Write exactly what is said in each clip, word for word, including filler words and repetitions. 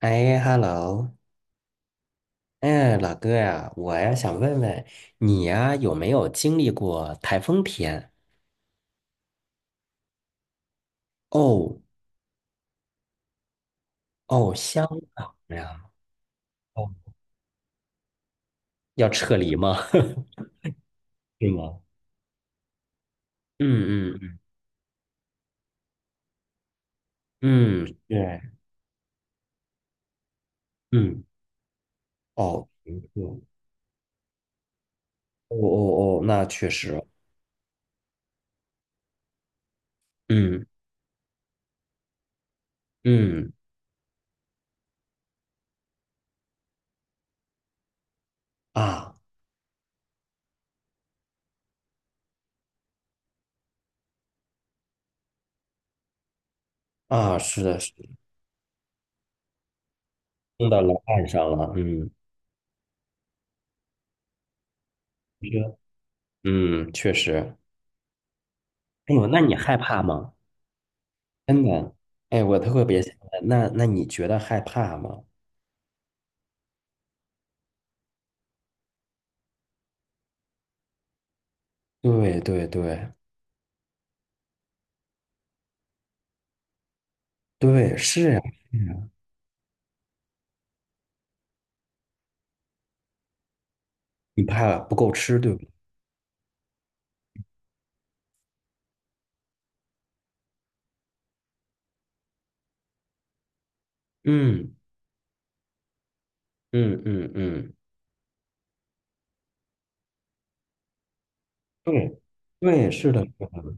哎，hello，哎，老哥呀，我呀想问问你呀，有没有经历过台风天？哦哦，香港呀，哦，要撤离吗？是吗？嗯嗯嗯嗯，对，嗯，哦，没错，哦哦哦，那确实，嗯嗯啊啊，是的，是的，碰到了岸上了，嗯，你说嗯，确实，哎呦，那你害怕吗？真的，哎，我特别想问，那那你觉得害怕吗？对对对对，是呀，是呀，你怕不够吃，对不对？嗯嗯嗯嗯，对对，是的，是的。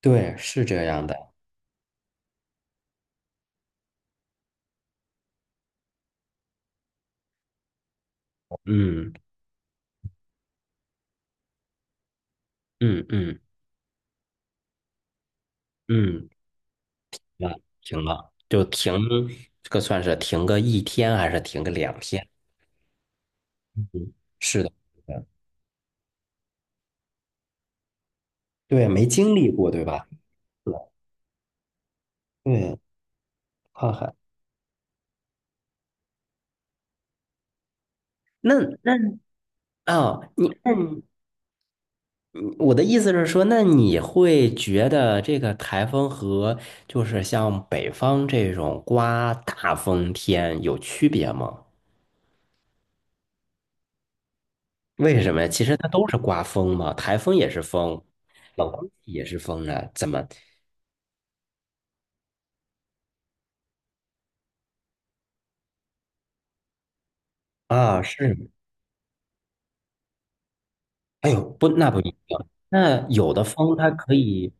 对，是这样的，嗯嗯嗯嗯，那停了，就停，这个算是停个一天还是停个两天？嗯，是的，是的。对，没经历过，对吧？对，看看。那那啊，你那我的意思是说，那你会觉得这个台风和就是像北方这种刮大风天有区别吗？为什么呀？其实它都是刮风嘛，台风也是风，冷空气也是风啊，怎么啊？是吗，哎呦，不，那不一定。那有的风它可以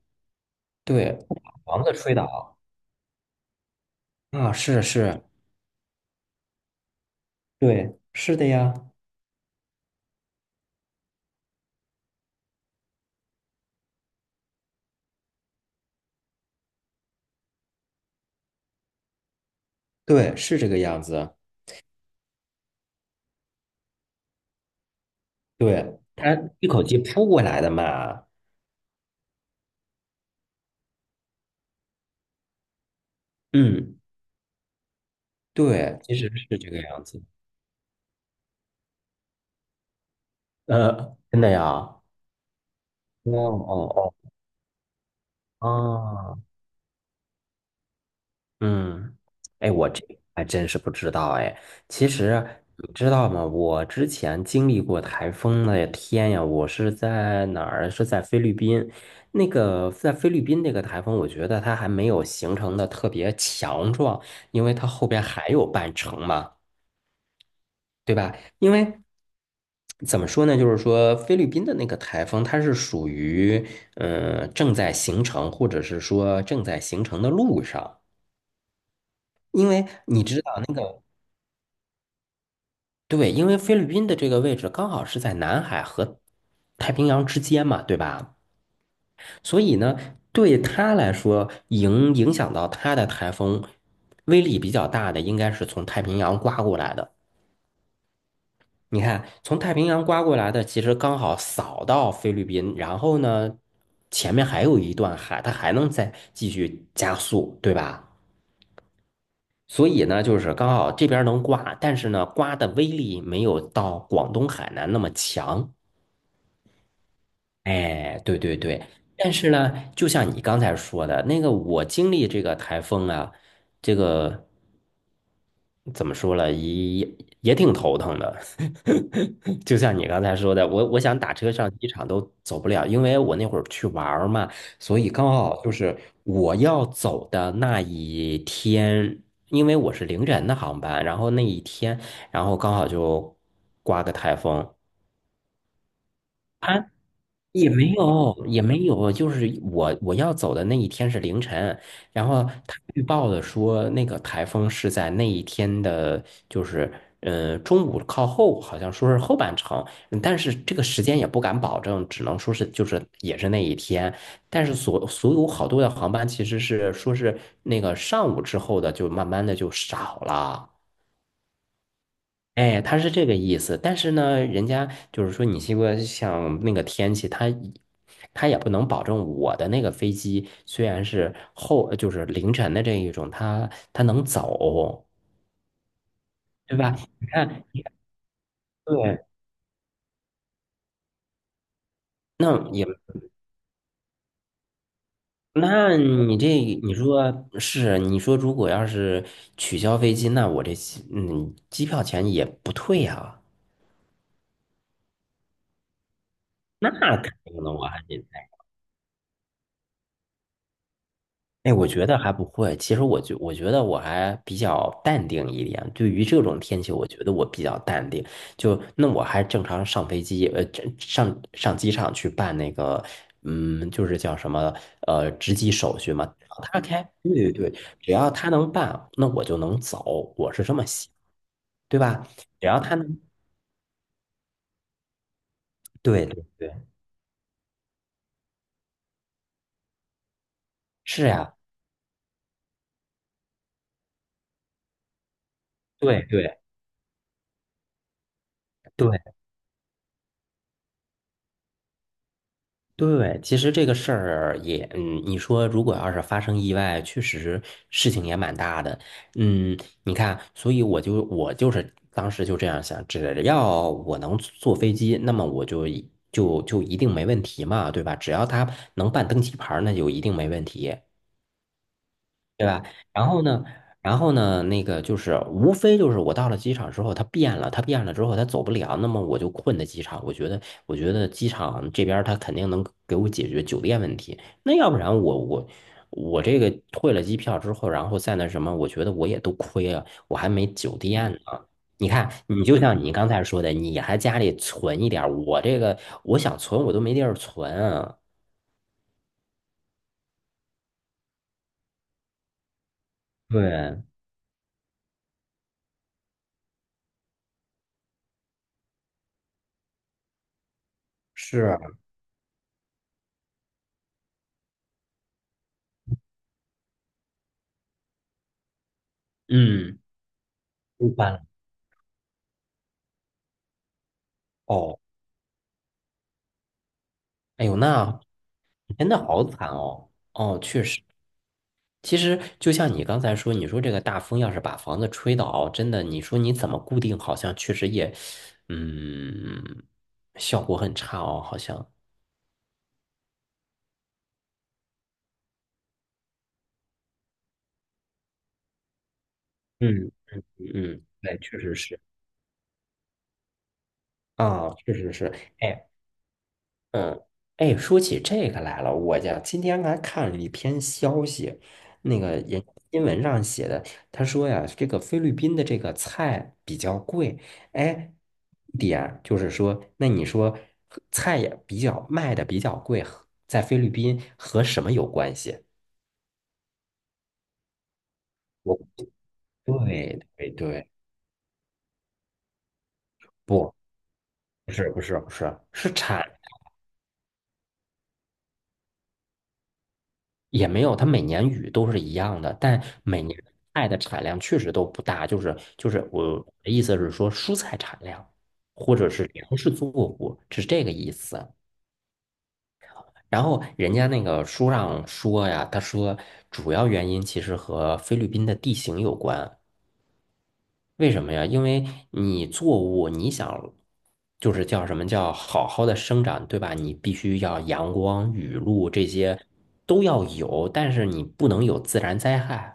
对不把房子吹倒。啊，是是，对，是的呀，对，是这个样子，对，它一口气扑过来的嘛，嗯。对，其实是这个样子。呃，真的呀？哦哦哦，啊，嗯，哎，我这还真是不知道哎。其实你知道吗？我之前经历过台风的天呀，我是在哪儿？是在菲律宾。那个在菲律宾那个台风，我觉得它还没有形成的特别强壮，因为它后边还有半程嘛。对吧？因为怎么说呢，就是说菲律宾的那个台风，它是属于嗯呃正在形成，或者是说正在形成的路上。因为你对，因为菲律宾的这个位置刚好是在南海和太平洋之间嘛，对吧？所以呢，对他来说，影影响到他的台风威力比较大的，应该是从太平洋刮过来的。你看，从太平洋刮过来的，其实刚好扫到菲律宾，然后呢，前面还有一段海，它还能再继续加速，对吧？所以呢，就是刚好这边能刮，但是呢，刮的威力没有到广东、海南那么强。哎，对对对，但是呢，就像你刚才说的那个，我经历这个台风啊，这个。怎么说了，也也挺头疼的。就像你刚才说的，我我想打车上机场都走不了，因为我那会儿去玩儿嘛，所以刚好就是我要走的那一天，因为我是凌晨的航班，然后那一天，然后刚好就刮个台风，也没有，也没有，就是我我要走的那一天是凌晨，然后他预报的说那个台风是在那一天的，就是呃中午靠后，好像说是后半程，嗯但是这个时间也不敢保证，只能说是就是也是那一天，但是所所有好多的航班其实是说是那个上午之后的就慢慢的就少了。哎，他是这个意思，但是呢，人家就是说，你西瓜像那个天气，他他也不能保证我的那个飞机虽然是后就是凌晨的这一种，他他能走，对吧？你看，对，那也那你这你说是你说如果要是取消飞机，那我这机嗯机票钱也不退啊，那肯定的，我还得。哎，我觉得还不会。其实我觉我觉得我还比较淡定一点。对于这种天气，我觉得我比较淡定。就那我还正常上飞机，呃，这上上机场去办那个，嗯，就是叫什么，呃，值机手续嘛。只要他开，对对对，只要他能办，那我就能走。我是这么想，对吧？只要他能，对对对，是呀，对对。对对，其实这个事儿也，嗯，你说如果要是发生意外，确实事情也蛮大的，嗯，你看，所以我就我就是当时就这样想，只要我能坐飞机，那么我就就就一定没问题嘛，对吧？只要他能办登机牌儿那就一定没问题。对吧？然后呢，然后呢，那个就是无非就是我到了机场之后，他变了，他变了之后他走不了，那么我就困在机场。我觉得，我觉得机场这边他肯定能给我解决酒店问题。那要不然我我我这个退了机票之后，然后再那什么，我觉得我也都亏了，我还没酒店呢。你看，你就像你刚才说的，你还家里存一点儿我这个我想存我都没地儿存啊。对，是，嗯，一般。哦，哎呦，那真的好惨哦！哦，确实，其实就像你刚才说，你说这个大风要是把房子吹倒，真的，你说你怎么固定？好像确实也，嗯，效果很差哦，好像。嗯嗯，对，确实是。啊，确实是，哎，嗯，哎，说起这个来了，我家今天还看了一篇消息，那个人新闻上写的，他说呀，这个菲律宾的这个菜比较贵，哎，一点就是说，那你说菜也比较卖的比较贵，和在菲律宾和什么有关系？我对对对，不，不是不是不是，是产也没有，它每年雨都是一样的，但每年菜的产量确实都不大。就是就是我的意思是说，蔬菜产量或者是粮食作物是这个意思。然后人家那个书上说呀，他说主要原因其实和菲律宾的地形有关。为什么呀？因为你作物你想就是叫什么叫好好的生长，对吧？你必须要阳光、雨露这些都要有，但是你不能有自然灾害。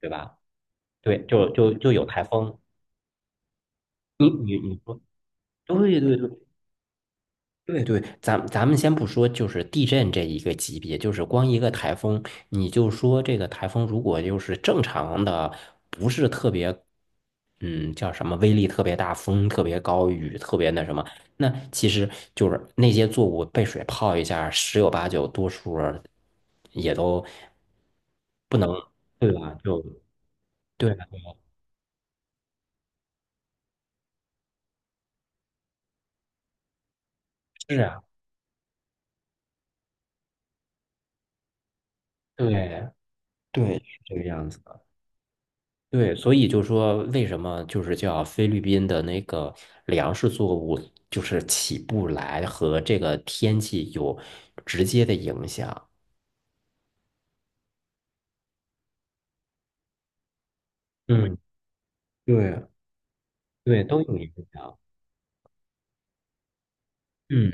对吧？对，就就就有台风。你你你说，对对对对对，咱咱们先不说，就是地震这一个级别，就是光一个台风，你就说这个台风如果就是正常的，嗯，叫什么威力特别大，风特别高，雨特别那什么，那其实就是那些作物被水泡一下，十有八九多数儿也都不能，对吧？就对，是啊，对对，是这个样子的。对，所以就说为什么就是叫菲律宾的那个粮食作物就是起不来，和这个天气有直接的影响。嗯，对对，都有影响。嗯，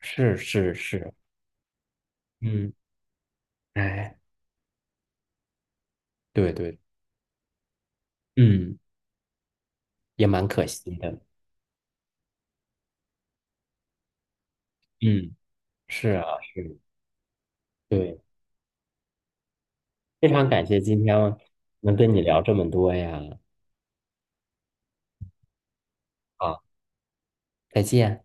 是是是，嗯，哎，对对，嗯，也蛮可惜的。嗯，是啊，是，对，非常感谢今天能跟你聊这么多呀。啊，再见。